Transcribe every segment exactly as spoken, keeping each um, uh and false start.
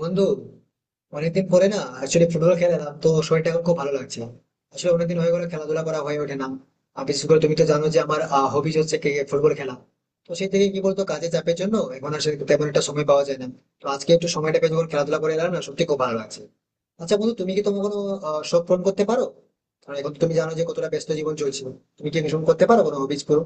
বন্ধু, অনেকদিন পরে না অ্যাকচুয়ালি ফুটবল খেলাম তো শরীরটা এখন খুব ভালো লাগছে। আসলে অনেকদিন হয়ে গেল খেলাধুলা করা হয়ে ওঠে না। আর বিশেষ করে তুমি তো জানো যে আমার হবিজ হচ্ছে ক্রিকেট ফুটবল খেলা। তো সেই থেকে কি বলতো, কাজের চাপের জন্য এখন আসলে তেমন একটা সময় পাওয়া যায় না। তো আজকে একটু সময়টা পেয়ে যখন খেলাধুলা করে এলাম না, সত্যি খুব ভালো লাগছে। আচ্ছা বন্ধু, তুমি কি তোমার কোনো আহ, শখ পূরণ করতে পারো? কারণ এখন তো তুমি জানো যে কতটা ব্যস্ত জীবন চলছে। তুমি কি ভীষণ করতে পারো কোনো হবিজ পুরো?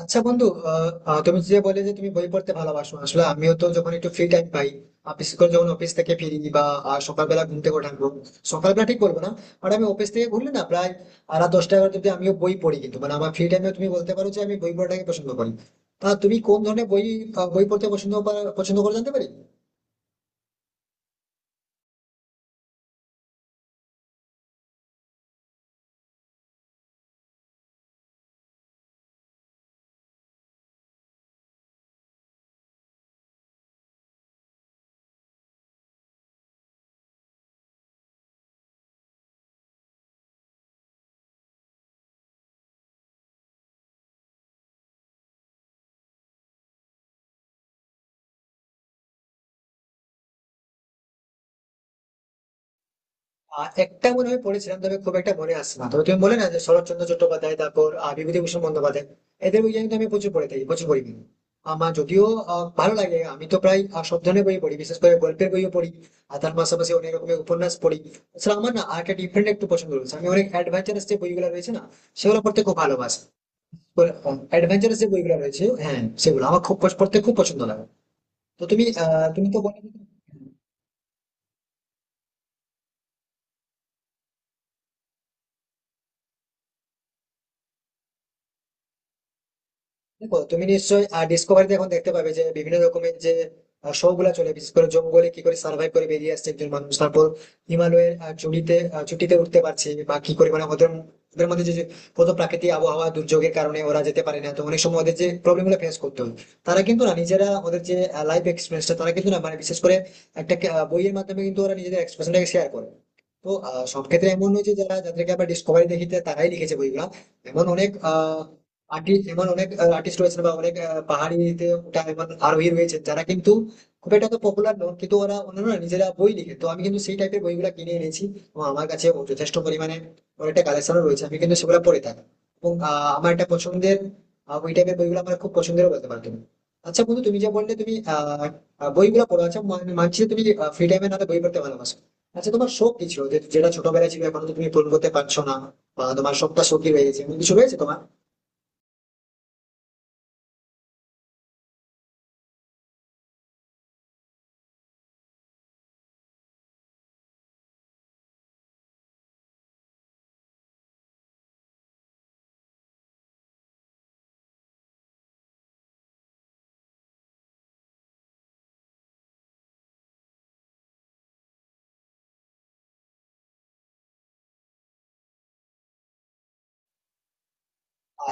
আচ্ছা বন্ধু, আহ, আহ, তুমি যে বলে যে তুমি বই পড়তে ভালোবাসো, আসলে আমিও তো যখন একটু ফ্রি টাইম পাই, আহ, বিশেষ করে যখন অফিস থেকে ফিরি বা আহ, সকালবেলা ঘুম থেকে ওঠার পর। সকালবেলা ঠিক বলবো না, মানে আমি অফিস থেকে ঘুরলে না প্রায় আহ, রাত দশটা এগারোটা অব্দি আমিও বই পড়ি, কিন্তু মানে আমার ফ্রি টাইমে তুমি বলতে পারো যে আমি বই পড়াটাকে পছন্দ করি। তা তুমি কোন ধরনের বই আহ, বই পড়তে পছন্দ করা- পছন্দ করে জানতে পারি? আহ, একটা মনে হয় পড়েছিলাম, তবে খুব একটা মনে আসছে না। তবে তুমি বলে না, যে শরৎচন্দ্র চট্টোপাধ্যায়, তারপর আহ, বিভূতিভূষণ বন্দ্যোপাধ্যায়, এদের বই কিন্তু আমি প্রচুর পড়ে থাকি, প্রচুর পড়ি কিন্তু। আমার যদিও আহ, ভালো লাগে, আমি তো প্রায় আহ, সব ধরনের বই পড়ি, বিশেষ করে গল্পের বইও পড়ি। আর তার পাশাপাশি অনেক রকমের উপন্যাস পড়ি। আসলে আমার না আর একটা ডিফারেন্ট একটু পছন্দ রয়েছে, আমি অনেক অ্যাডভেঞ্চারাস যে বইগুলো রয়েছে না, সেগুলো পড়তে খুব ভালোবাসি। অ্যাডভেঞ্চারাস যে বইগুলো রয়েছে, হ্যাঁ, সেগুলো আমার খুব পছ- পড়তে খুব পছন্দ লাগে। তো তুমি আহ তুমি তো বলে। দেখো, তুমি নিশ্চয়ই ডিসকভারিতে এখন দেখতে পাবে যে বিভিন্ন রকমের যে শো গুলা চলে, বিশেষ করে জঙ্গলে কি করে সার্ভাইভ করে বেরিয়ে আসছে একজন মানুষ, তারপর হিমালয়ের আহ, চুটিতে আহ, চুটিতে উঠতে পারছে, বা কি করে মানে ওদের ওদের মধ্যে যে যে কত প্রাকৃতিক আবহাওয়া দুর্যোগের কারণে ওরা যেতে পারে না। তো অনেক সময় ওদের যে প্রবলেম গুলো ফেস করতে হয়, তারা কিন্তু না নিজেরা ওদের যে লাইফ এক্সপিরিয়েন্সটা তারা কিন্তু না মানে বিশেষ করে একটা আহ, বইয়ের মাধ্যমে কিন্তু ওরা নিজেদের এক্সপিরিয়েন্সটাকে শেয়ার করে। তো আহ, সব ক্ষেত্রে এমন নয় যে যারা যাদেরকে আমরা ডিসকভারি দেখিতে তারাই লিখেছে বইগুলা। এমন অনেক আহ আর্টিস্ট, এমন অনেক আর্টিস্ট রয়েছে বা অনেক আহ, পাহাড়িতে ওঠা এমন আরোহী রয়েছে, যারা কিন্তু খুব একটা তো পপুলার নয়, কিন্তু ওরা অন্যান্য নিজেরা বই লিখে। তো আমি কিন্তু সেই টাইপের বইগুলো কিনে এনেছি, এবং আমার কাছে ও যথেষ্ট পরিমাণে অনেকটা কালেকশনও রয়েছে, আমি কিন্তু সেগুলো পড়ে থাকি। এবং আহ, আমার একটা পছন্দের আহ, ওই টাইপের বইগুলো আমার খুব পছন্দেরও বলতে পারো তুমি। আচ্ছা বন্ধু, তুমি যে বললে তুমি আহ আহ, বইগুলো পড়ো। আচ্ছা, মান- মানছি যে তুমি ফ্রি টাইমে না বই পড়তে ভালোবাসো। আচ্ছা তোমার শখ কি ছিল, যে- যেটা ছোটবেলায় ছিল এখন তো তুমি পূরণ করতে পারছো না, বা তোমার শখটা শখই রয়ে গেছে, এমন কিছু রয়েছে তোমার?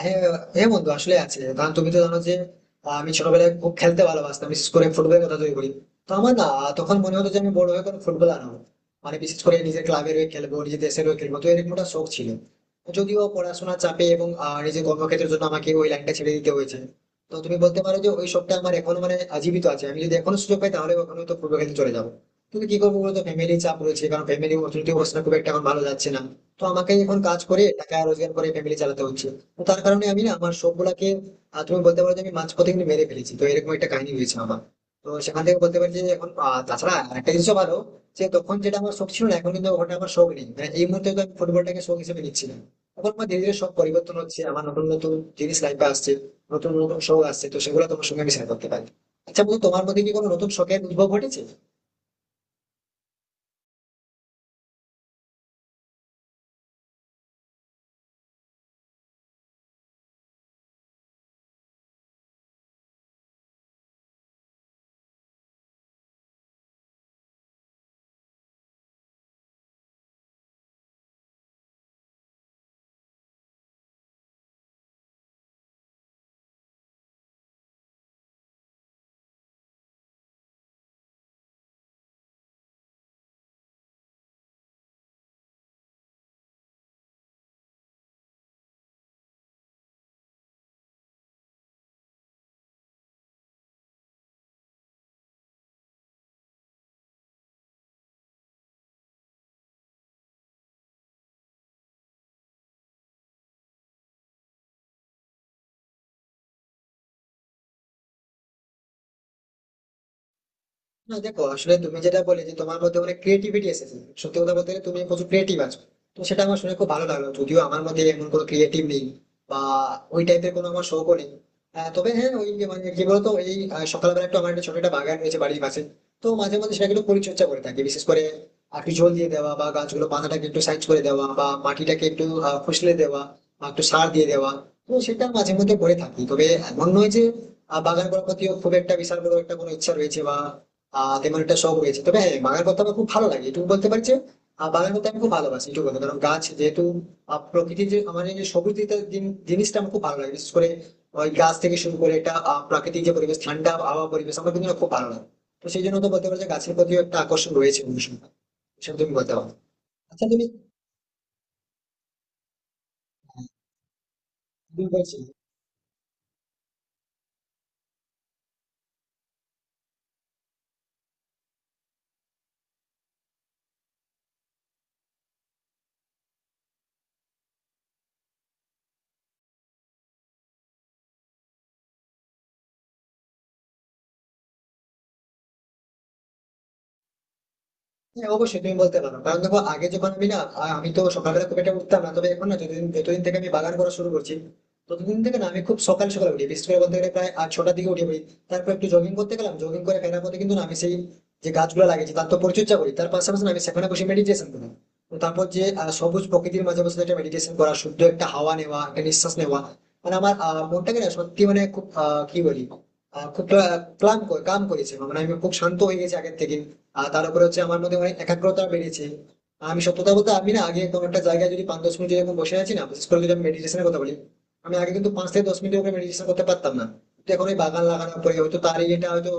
হ্যাঁ, হ্যাঁ বন্ধু, আসলে আছে, কারণ তুমি তো জানো যে আহ, আমি ছোটবেলায় খুব খেলতে ভালোবাসতাম, বিশেষ করে ফুটবলের কথা যদি বলি। তো আমার না তখন মনে হতো যে আমি বড় হয়ে কোনো ফুটবলার হবো, মানে বিশেষ করে নিজের ক্লাবের হয়ে খেলবো, নিজের দেশের হয়ে খেলবো, তো এরকম একটা শখ ছিল। যদিও পড়াশোনার চাপে এবং আহ, নিজের কর্মক্ষেত্রের জন্য আমাকে ওই লাইনটা ছেড়ে দিতে হয়েছে। তো তুমি বলতে পারো যে ওই শখটা আমার এখনো মানে জীবিত আছে, আমি যদি এখনো সুযোগ পাই তাহলে ওখানে তো ফুটবল খেলতে চলে যাবো। কিন্তু কি করবো বলতো, ফ্যামিলি চাপ রয়েছে, কারণ ফ্যামিলি অর্থনৈতিক অবস্থা খুব একটা এখন ভালো যাচ্ছে না। তো আমাকে এখন কাজ করে টাকা রোজগার করে ফ্যামিলি চালাতে হচ্ছে। তো তার কারণে আমি না আমার সবগুলাকে আহ, তুমি বলতে পারো যে আমি মাঝপথে কিন্তু মেরে ফেলেছি, তো এরকম একটা কাহিনী হয়েছে আমার। তো সেখান থেকে বলতে পারি যে এখন আহ, তাছাড়া একটা জিনিসও ভালো, যে তখন যেটা আমার শখ ছিল না এখন কিন্তু ওটা আমার শখ নেই, মানে এই মুহূর্তে তো আমি ফুটবলটাকে শখ হিসেবে নিচ্ছি না। এখন আমার ধীরে ধীরে সব পরিবর্তন হচ্ছে, আমার নতুন নতুন জিনিস লাইফে আসছে, নতুন নতুন শখ আসছে, তো সেগুলো তোমার সঙ্গে আমি শেয়ার করতে পারি। আচ্ছা বলতো তোমার মধ্যে কি কোনো নতুন শখের উদ্ভব ঘটেছে? না দেখো, আসলে তুমি যেটা বলে যে তোমার মধ্যে অনেক ক্রিয়েটিভিটি এসেছে, সত্যি কথা বলতে গেলে তুমি প্রচুর ক্রিয়েটিভ আছো। তো সেটা আমার শুনে খুব ভালো লাগলো, যদিও আমার মধ্যে এমন কোনো ক্রিয়েটিভ নেই বা ওই টাইপের কোনো আমার শখও নেই। আহ, তবে হ্যাঁ, ওই যে মানে কি বলতো এই আহ, সকালবেলা একটু আমার একটা ছোট একটা বাগান রয়েছে বাড়ির পাশে। তো মাঝে মধ্যে সেটাকে একটু পরিচর্যা করে থাকি, বিশেষ করে একটু জল দিয়ে দেওয়া, বা গাছগুলো পাতাটাকে একটু সাইজ করে দেওয়া, বা মাটিটাকে একটু আহ, ফুসলে দেওয়া, বা একটু সার দিয়ে দেওয়া। তো সেটা মাঝে মধ্যে করে থাকি, তবে এমন নয় যে আহ, বাগান করার প্রতি খুব একটা বিশাল বড় একটা কোনো ইচ্ছা রয়েছে, বা আহ তেমন একটা শখ রয়েছে। তবে হ্যাঁ, বাগান করতে আমার খুব ভালো লাগে এটুকু বলতে পারছি। আহ, বাগান করতে আমি খুব ভালোবাসি এটুকু কথা, কারণ গাছ যেহেতু আহ, প্রকৃতির যে আমার এই যে সবুজ দিকটা জিন- জিনিসটা আমার খুব ভালো লাগে, বিশেষ করে ওই গাছ থেকে শুরু করে এটা আহ, প্রাকৃতিক যে পরিবেশ ঠান্ডা আবহাওয়া পরিবেশ আমার কিন্তু খুব ভালো লাগে। তো সেই জন্য তো বলতে পারো যে গাছর প্রতিও একটা আকর্ষণ রয়েছে অনুষ্ঠানটা, সেটা তুমি বলতে পারো। আচ্ছা তুমি তুমি বলছিলে। হ্যাঁ অবশ্যই তুমি বলতে পারো, কারণ দেখো আগে যখন আমি না আ- আমি তো সকালবেলা খুব একটা উঠতাম না, তবে এখন না যতদিন যতদিন থেকে আমি বাগান করা শুরু করছি ততদিন থেকে না আমি খুব সকাল সকাল উঠি, বিশেষ করে বলতে গেলে প্রায় আট ছটার দিকে উঠে পড়ি। তারপর একটু জগিং করতে গেলাম, জগিং করে ফেরার পথে কিন্তু না আমি সেই যে গাছগুলো লাগিয়েছি তার তো পরিচর্যা করি, তার পাশাপাশি না আমি সেখানে বসে মেডিটেশন করি। তো তারপর যে আ, সবুজ প্রকৃতির মাঝে বসে একটা মেডিটেশন করা, শুদ্ধ একটা হাওয়া নেওয়া, একটা নিঃশ্বাস নেওয়া, মানে আমার আ, মনটাকে না সত্যি মানে খুব আ, কি বলি আ, খুব ক্লা- ক্লান্ত করে কাম করেছে, মানে আমি খুব শান্ত হয়ে গেছি আগের থেকে। আর তার উপরে হচ্ছে আমার মধ্যে অনেক একাগ্রতা বেড়েছে। আমি সত্যি কথা বলতে, আমি না আগে কোনো একটা জায়গায় যদি পাঁচ দশ মিনিট এরকম বসে আছি না, বিশেষ করে যদি আমি মেডিটেশনের কথা বলি, আমি আগে কিন্তু পাঁচ থেকে দশ মিনিটের উপরে মেডিটেশন করতে পারতাম না। কিন্তু এখন ওই বাগান লাগানোর পরে হয়তো তার, এটা হয়তো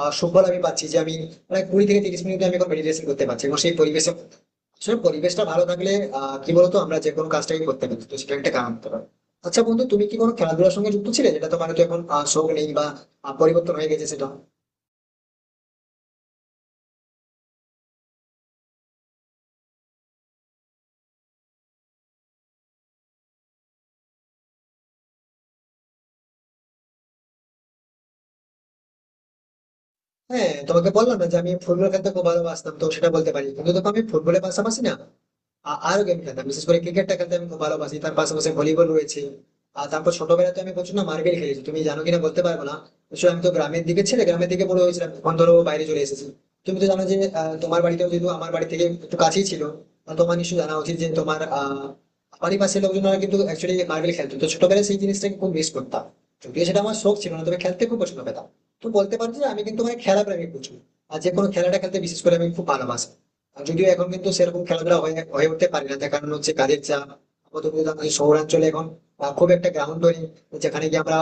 আহ, সুফল আমি পাচ্ছি, যে আমি প্রায় কুড়ি থেকে তিরিশ মিনিট আমি এখন মেডিটেশন করতে পারছি, এবং সেই পরিবেশে আসলে পরিবেশটা ভালো থাকলে আহ কি বলতো আমরা যে কোনো কাজটাই করতে পারি, তো সেটা একটা কাম হতে পারে। আচ্ছা বন্ধু, তুমি কি কোনো খেলাধুলার সঙ্গে যুক্ত ছিলে, যেটা তোমার তো এখন আহ, শখ নেই বা আহ, পরিবর্তন হয়ে গেছে সেটা? হ্যাঁ তোমাকে বললাম না যে আমি ফুটবল খেলতে খুব ভালোবাসতাম, তো সেটা বলতে পারি। কিন্তু দেখো আমি ফুটবলের পাশাপাশি না আ- আরো গেম খেলতাম, বিশেষ করে ক্রিকেটটা খেলতে আমি খুব ভালোবাসি, তার পাশাপাশি ভলিবল রয়েছে। আর তারপর ছোটবেলায় তো আমি প্রচুর না মার্বেল খেলেছি, তুমি জানো কিনা বলতে পারবো না। আসলে আমি তো গ্রামের দিকে ছেলে, গ্রামের দিকে বড় হয়েছিলাম, এখন ধরো বাইরে চলে এসেছি। তুমি তো জানো যে আহ, তোমার বাড়িতেও যেহেতু আমার বাড়ি থেকে একটু কাছেই ছিল। আর তোমার নিশ্চয়ই জানা উচিত যে তোমার আহ বাড়ির পাশের লোকজনরা কিন্তু অ্যাকচুয়ালি মার্বেল খেলতো, তো ছোটবেলায় সেই জিনিসটাকে খুব মিস করতাম। যদিও সেটা আমার শখ ছিল না, তবে খেলতে খুব পছন্দ পেতাম। তো বলতে পারি যে আমি কিন্তু মানে খেলা প্রেমিক প্রচুর, আর যে কোনো খেলাটা খেলতে বিশেষ করে আমি খুব ভালোবাসি। আর যদিও এখন কিন্তু সেরকম খেলাধুলা হয়ে হয়ে উঠতে পারি না, তার কারণ হচ্ছে কাজের চাপ। আপাতত কিন্তু আমাদের শহরাঞ্চলে এখন আহ, খুব একটা গ্রাউন্ড নেই, যেখানে গিয়ে আমরা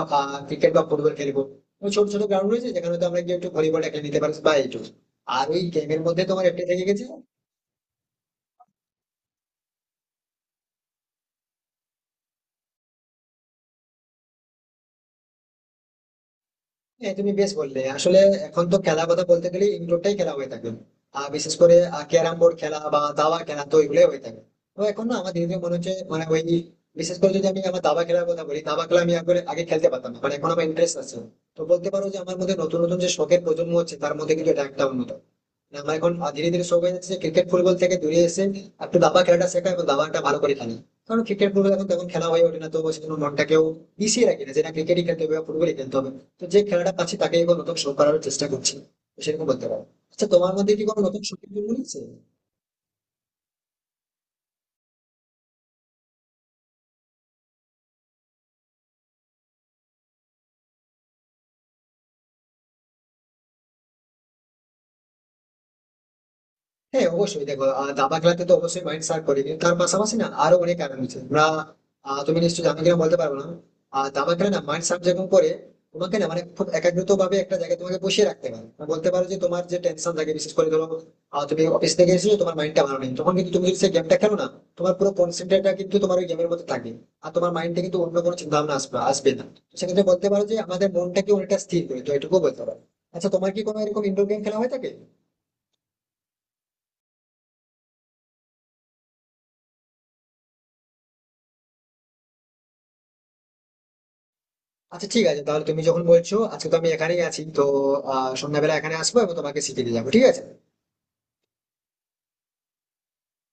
ক্রিকেট বা ফুটবল খেলবো। ওই ছোট ছোট গ্রাউন্ড রয়েছে, যেখানে তো আমরা গিয়ে একটু ভলিবলটা খেলে নিতে পারি বা এইটুকু। আর ওই গেমের মধ্যে তোমার একটা থেকে গেছে। হ্যাঁ তুমি বেশ বললে আসলে, এখন তো খেলা কথা বলতে গেলে ইনডোরটাই খেলা হয়ে থাকে। আর বিশেষ করে ক্যারাম বোর্ড খেলা বা দাবা খেলা, তো এগুলোই হয়ে থাকে। তো এখন না আমার ধীরে ধীরে মনে হচ্ছে, মানে ওই বিশেষ করে যদি আমি আমার দাবা খেলার কথা বলি, দাবা খেলা আমি আগে আগে খেলতে পারতাম না, মানে এখন আমার ইন্টারেস্ট আছে। তো বলতে পারো যে আমার মধ্যে নতুন নতুন যে শখের প্রজন্ম হচ্ছে তার মধ্যে কিন্তু এটা একটা অন্যতম। মানে আমার এখন ধীরে ধীরে শখ হয়ে যাচ্ছে ক্রিকেট ফুটবল থেকে দূরে এসে একটু দাবা খেলাটা শেখা এবং দাবাটা ভালো করে খেলি। কারণ ক্রিকেট ফুটবল এখন তেমন খেলা হয়ে ওঠে না, তো সেজন্য মনটাকেও মিশিয়ে রাখি না, যেটা ক্রিকেটই খেলতে হবে বা ফুটবলই খেলতে হবে। তো যে খেলাটা পাচ্ছি তাকে এবার নতুন শো করার চেষ্টা করছি, তো সেরকম বলতে পারো। আচ্ছা তোমার মধ্যে কি কোনো নতুন শখের জন্ম নিয়েছে? হ্যাঁ অবশ্যই দেখো, আহ, দাবা খেলাতে তো অবশ্যই মাইন্ড শার্প করে, কিন্তু তার পাশাপাশি না আরো অনেক কারণ আছে আমরা আহ, তুমি নিশ্চয়ই আমি কিনা বলতে পারবো না। আর দাবা খেলা না মাইন্ড শার্প যেরকম করে তোমাকে না, মানে খুব একাগ্রত ভাবে একটা জায়গায় তোমাকে বসিয়ে রাখতে পারে, মানে বলতে পারো যে তোমার যে টেনশন থাকে, বিশেষ করে ধরো আহ, তুমি অফিস থেকে এসেছো, তোমার মাইন্ডটা ভালো নেই, তখন কিন্তু তুমি যদি সেই গেমটা খেলো না, তোমার পুরো কনসেন্ট্রেটটা কিন্তু তোমার ওই গেমের মধ্যে থাকে। আর তোমার মাইন্ডে কিন্তু অন্য কোনো চিন্তা ভাবনা আসবে আসবে না। তো সেক্ষেত্রে বলতে পারো যে আমাদের মনটাকে অনেকটা স্থির করে, তো এটুকু বলতে পারো। আচ্ছা তোমার কি কোনো এরকম ইনডোর গেম খেলা হয়ে থাকে? আচ্ছা ঠিক আছে, তাহলে তুমি যখন বলছো, আজকে তো আমি এখানেই আছি, তো আহ সন্ধ্যাবেলা এখানে আসবো এবং তোমাকে শিখিয়ে দিয়ে যাবো, ঠিক আছে।